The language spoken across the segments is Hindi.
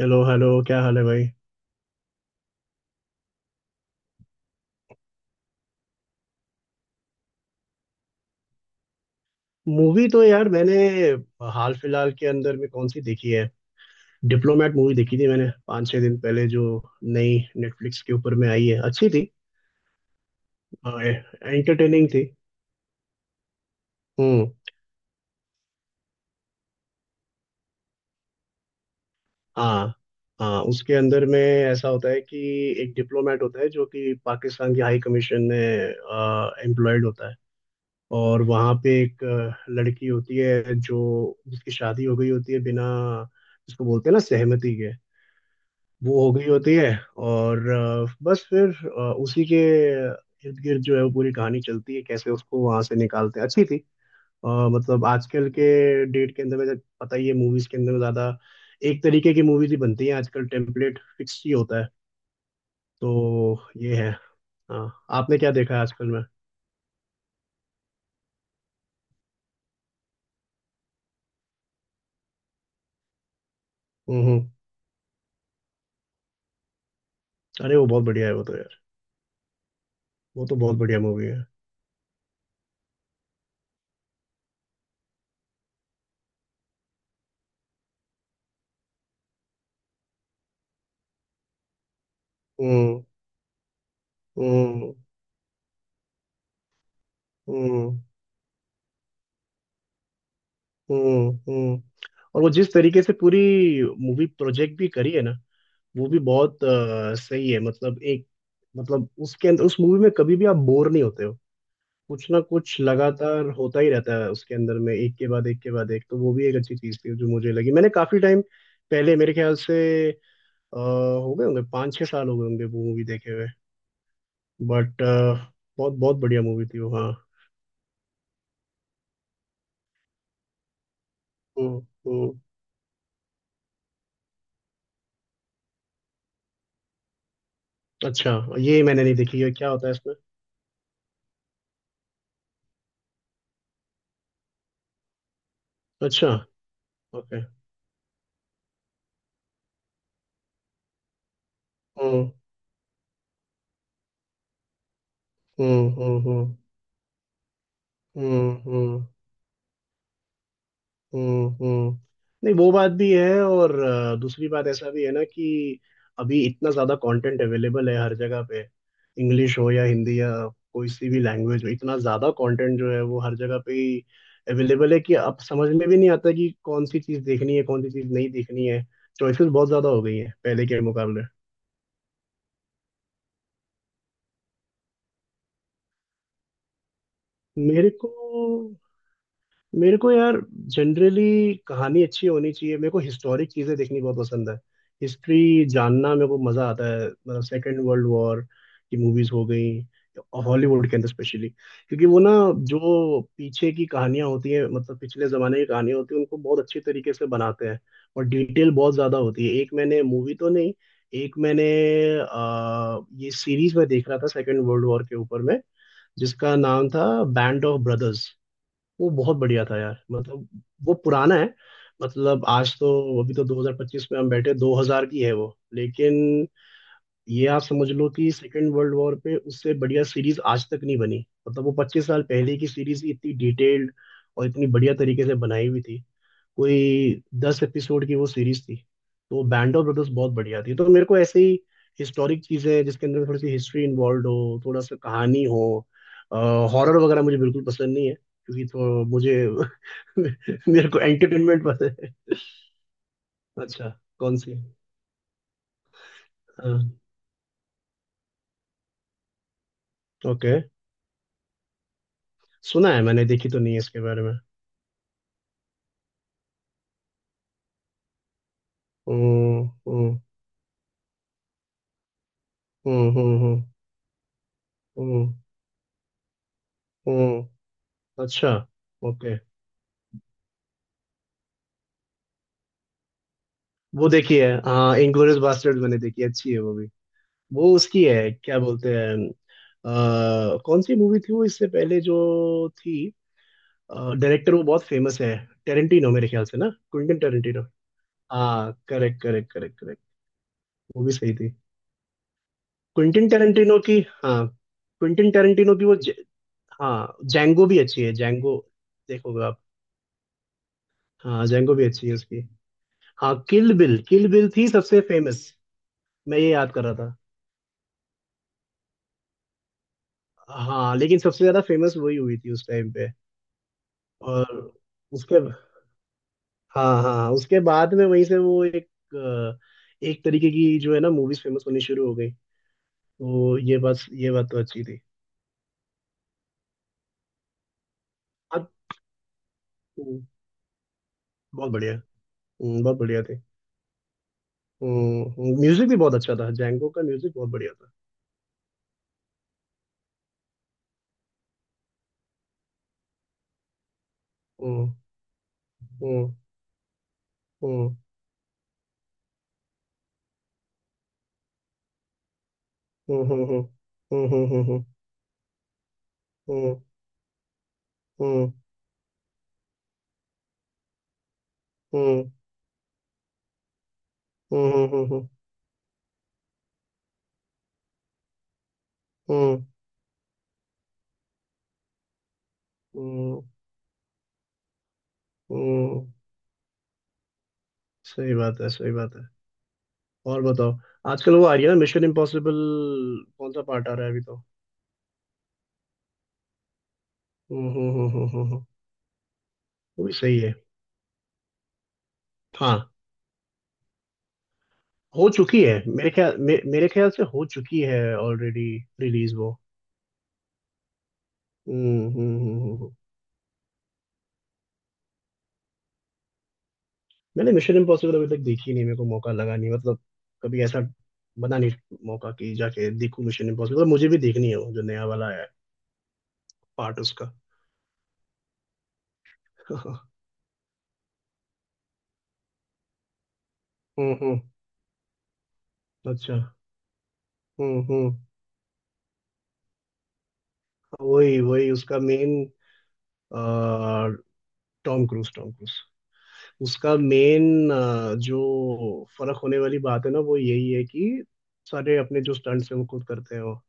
हेलो हेलो क्या हाल है भाई। मूवी तो यार मैंने हाल फिलहाल के अंदर में कौन सी देखी है। डिप्लोमेट मूवी देखी थी मैंने पाँच छह दिन पहले जो नई नेटफ्लिक्स के ऊपर में आई है, अच्छी थी, एंटरटेनिंग थी। हम्म। हाँ, हाँ उसके अंदर में ऐसा होता है कि एक डिप्लोमेट होता है जो कि पाकिस्तान की हाई कमीशन में एम्प्लॉयड होता है। और वहाँ पे एक लड़की होती है जो जिसकी शादी हो गई होती है बिना जिसको बोलते हैं ना सहमति के वो हो गई होती है। और बस फिर उसी के इर्द गिर्द जो है वो पूरी कहानी चलती है कैसे उसको वहां से निकालते हैं। अच्छी थी। मतलब आजकल के डेट के अंदर में जब पता ही है मूवीज के अंदर में ज्यादा एक तरीके की मूवीज ही बनती हैं आजकल, टेम्पलेट फिक्स ही होता है। तो ये है। हाँ, आपने क्या देखा है आजकल में। हम्म। हम्म। अरे वो बहुत बढ़िया है वो तो यार, वो तो बहुत बढ़िया मूवी है। हम्म हम्म हम्म हम्म हम्म। और वो जिस तरीके से पूरी मूवी प्रोजेक्ट भी करी है ना, वो भी बहुत सही है। मतलब एक मतलब उसके अंदर उस मूवी में कभी भी आप बोर नहीं होते हो। कुछ ना कुछ लगातार होता ही रहता है उसके अंदर में एक के बाद एक के बाद एक, तो वो भी एक अच्छी चीज थी जो मुझे लगी। मैंने काफी टाइम पहले मेरे ख्याल से अ, हो गए होंगे पाँच छह साल हो गए होंगे वो मूवी देखे हुए, बट बहुत बहुत बढ़िया मूवी थी वो। हाँ। हम्म। हम्म। अच्छा, ये मैंने नहीं देखी है, क्या होता है इसमें। अच्छा, ओके। हम्म हम्म हम्म हम्म हम्म हम्म हम्म। नहीं, वो बात भी है और दूसरी बात ऐसा भी है ना कि अभी इतना ज्यादा कंटेंट अवेलेबल है हर जगह पे, इंग्लिश हो या हिंदी या कोई सी भी लैंग्वेज हो, इतना ज्यादा कंटेंट जो है वो हर जगह पे ही अवेलेबल है कि अब समझ में भी नहीं आता कि कौन सी चीज देखनी है कौन सी चीज नहीं देखनी है। चॉइसेस बहुत ज्यादा हो गई है पहले के मुकाबले। मेरे को मेरे को यार जनरली कहानी अच्छी होनी चाहिए। मेरे को हिस्टोरिक चीजें देखनी बहुत पसंद है, हिस्ट्री जानना मेरे को मजा आता है। मतलब सेकेंड वर्ल्ड वॉर की मूवीज हो गई हॉलीवुड के अंदर स्पेशली, क्योंकि वो ना जो पीछे की कहानियां होती हैं मतलब पिछले जमाने की कहानियां होती हैं उनको बहुत अच्छी तरीके से बनाते हैं, और डिटेल बहुत ज्यादा होती है। एक मैंने मूवी तो नहीं एक मैंने आ, ये सीरीज में देख रहा था सेकेंड वर्ल्ड वॉर के ऊपर में जिसका नाम था बैंड ऑफ ब्रदर्स। वो बहुत बढ़िया था यार। मतलब वो पुराना है, मतलब आज तो अभी तो 2025 में हम बैठे, 2000 की है वो, लेकिन ये आप समझ लो कि सेकेंड वर्ल्ड वॉर पे उससे बढ़िया सीरीज आज तक नहीं बनी। मतलब वो 25 साल पहले की सीरीज ही इतनी डिटेल्ड और इतनी बढ़िया तरीके से बनाई हुई थी। कोई दस एपिसोड की वो सीरीज थी। तो बैंड ऑफ ब्रदर्स बहुत बढ़िया थी। तो मेरे को ऐसे ही हिस्टोरिक चीजें जिसके अंदर थोड़ी सी हिस्ट्री इन्वॉल्व हो, थोड़ा सा कहानी हो। हॉरर वगैरह मुझे बिल्कुल पसंद नहीं है, क्योंकि तो मुझे मेरे को एंटरटेनमेंट पसंद है। अच्छा, कौन सी। हाँ। ओके, सुना है, मैंने देखी तो नहीं है इसके बारे में। हम्म। हम्म हम्म हम्म हम्म, हम्म, अच्छा, ओके। वो देखी है, हाँ, इंग्लोरियस बास्टर्ड मैंने देखी है, अच्छी है वो। वो उसकी है, क्या बोलते हैं, कौन सी मूवी थी वो इससे पहले जो थी। डायरेक्टर वो बहुत फेमस है, टेरेंटिनो मेरे ख्याल से ना, क्विंटन टेरेंटिनो। हाँ, करेक्ट करेक्ट करेक्ट करेक्ट। वो भी सही थी। क्विंटन टेरेंटिनो की, हाँ। क्विंटन टेरेंटिनो की वो ज, हाँ जैंगो भी अच्छी है, जैंगो देखोगे आप। हाँ, जैंगो भी अच्छी है उसकी। हाँ, किल बिल, किल बिल थी सबसे फेमस, मैं ये याद कर रहा था। हाँ, लेकिन सबसे ज्यादा फेमस वही हुई थी उस टाइम पे। और उसके, हाँ हाँ हाँ, उसके बाद में वहीं से वो एक अ, एक तरीके की जो है ना मूवीज फेमस होनी शुरू हो गई। तो ये बात, ये बात तो अच्छी थी। हाँ। हम्म, बहुत बढ़िया। बहुत बढ़िया थी। म्यूजिक भी बहुत अच्छा था, जैंगो का म्यूजिक बहुत बढ़िया था। हम्म। हम्म, हम्म, हम्म, हम्म, हम्म, हम्म, हम्म, हम्म, हम्म, हम्म, हम्म, हम्म, हम्म, हम्म, हम्म, हम्म, हम्म, सही बात है, सही बात है। और बताओ, आजकल वो आ रही है ना मिशन इम्पॉसिबल, कौन सा पार्ट आ रहा है अभी तो? हम्म। वो भी सही है। हाँ, हो चुकी है मेरे ख्याल से हो चुकी है ऑलरेडी रिलीज वो। हम्म हम्म हम्म हम्म, हम्म। मैंने मिशन इम्पॉसिबल अभी तक देखी नहीं, मेरे को मौका लगा नहीं। मतलब कभी ऐसा बना नहीं मौका कि जाके देखूं। मिशन इम्पॉसिबल मुझे भी देखनी है वो जो नया वाला आया है पार्ट उसका। हम्म। अच्छा। हम्म। हाँ, वही वही उसका main, Tom Cruise, Tom Cruise. उसका मेन जो फर्क होने वाली बात है ना वो यही है कि सारे अपने जो स्टंट्स हैं वो खुद करते हैं वो।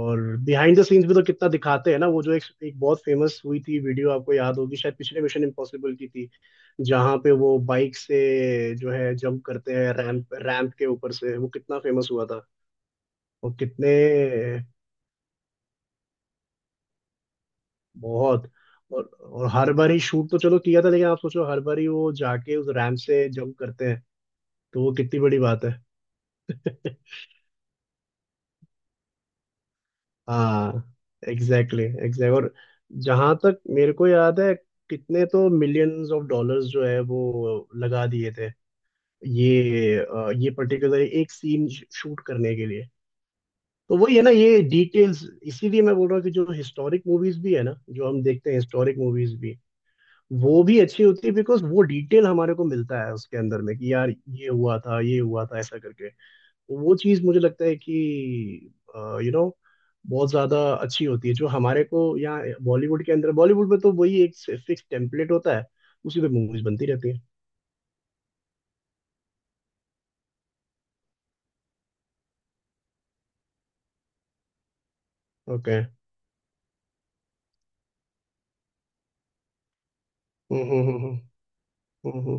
और बिहाइंड द सीन्स भी तो कितना दिखाते हैं ना वो, जो एक एक बहुत फेमस हुई थी वीडियो आपको याद होगी शायद, पिछले मिशन इम्पॉसिबल की थी, जहाँ पे वो बाइक से जो है जंप करते हैं रैंप, रैंप के ऊपर से, वो कितना फेमस हुआ था। और कितने, बहुत। और हर बार ही शूट तो चलो किया था लेकिन आप सोचो हर बार ही वो जाके उस रैंप से जंप करते हैं, तो वो कितनी बड़ी बात है। हाँ, एग्जैक्टली exactly, एग्जैक्ट exactly। और जहां तक मेरे को याद है कितने तो मिलियंस ऑफ डॉलर्स जो है वो लगा दिए थे ये ये पर्टिकुलर एक सीन शूट करने के लिए। तो वही है ना ये डिटेल्स, इसीलिए मैं बोल रहा हूँ कि जो हिस्टोरिक मूवीज भी है ना जो हम देखते हैं, हिस्टोरिक मूवीज भी वो भी अच्छी होती है, बिकॉज वो डिटेल हमारे को मिलता है उसके अंदर में कि यार ये हुआ था ऐसा करके। वो चीज मुझे लगता है कि यू नो बहुत ज्यादा अच्छी होती है जो हमारे को। यहाँ बॉलीवुड के अंदर, बॉलीवुड में तो वही एक फिक्स टेम्पलेट होता है, उसी पे मूवीज बनती रहती है। ओके। हम्म। हम्म हम्म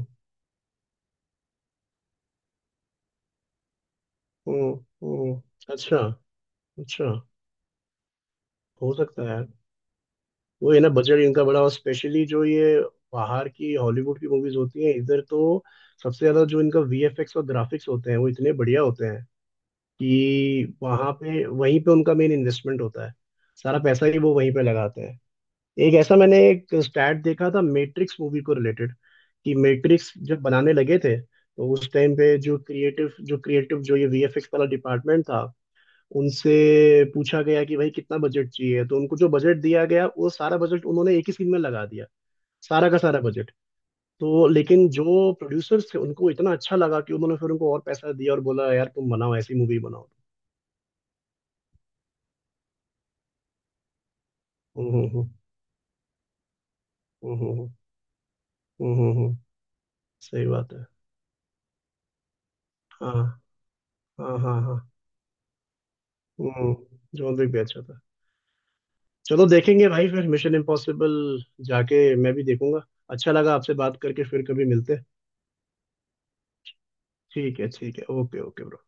हम्म, अच्छा, अच्छा। हो सकता है यार, वो है ना बजट इनका बड़ा, और स्पेशली जो ये बाहर की हॉलीवुड की मूवीज होती हैं इधर तो, सबसे ज्यादा जो इनका वीएफएक्स और ग्राफिक्स होते हैं वो इतने बढ़िया होते हैं कि वहां पे, वहीं पे उनका मेन इन्वेस्टमेंट होता है। सारा पैसा ही वो वहीं पे लगाते हैं। एक ऐसा मैंने एक स्टैट देखा था मैट्रिक्स मूवी को रिलेटेड कि मैट्रिक्स जब बनाने लगे थे, तो उस टाइम पे जो क्रिएटिव जो क्रिएटिव जो ये वीएफएक्स वाला डिपार्टमेंट था उनसे पूछा गया कि भाई कितना बजट चाहिए, तो उनको जो बजट दिया गया वो सारा बजट उन्होंने एक ही सीन में लगा दिया, सारा का सारा बजट। तो लेकिन जो प्रोड्यूसर्स थे उनको इतना अच्छा लगा कि उन्होंने फिर उनको और पैसा दिया और बोला यार तुम बनाओ, ऐसी मूवी बनाओ। हम्म। हम्म हम्म हम्म, हम्म, सही बात है। हाँ हाँ हाँ हाँ। हम्म। जॉन विक भी अच्छा था। चलो देखेंगे भाई, फिर मिशन इम्पॉसिबल जाके मैं भी देखूंगा। अच्छा लगा आपसे बात करके, फिर कभी मिलते हैं। ठीक है, ठीक है, ओके ओके ब्रो।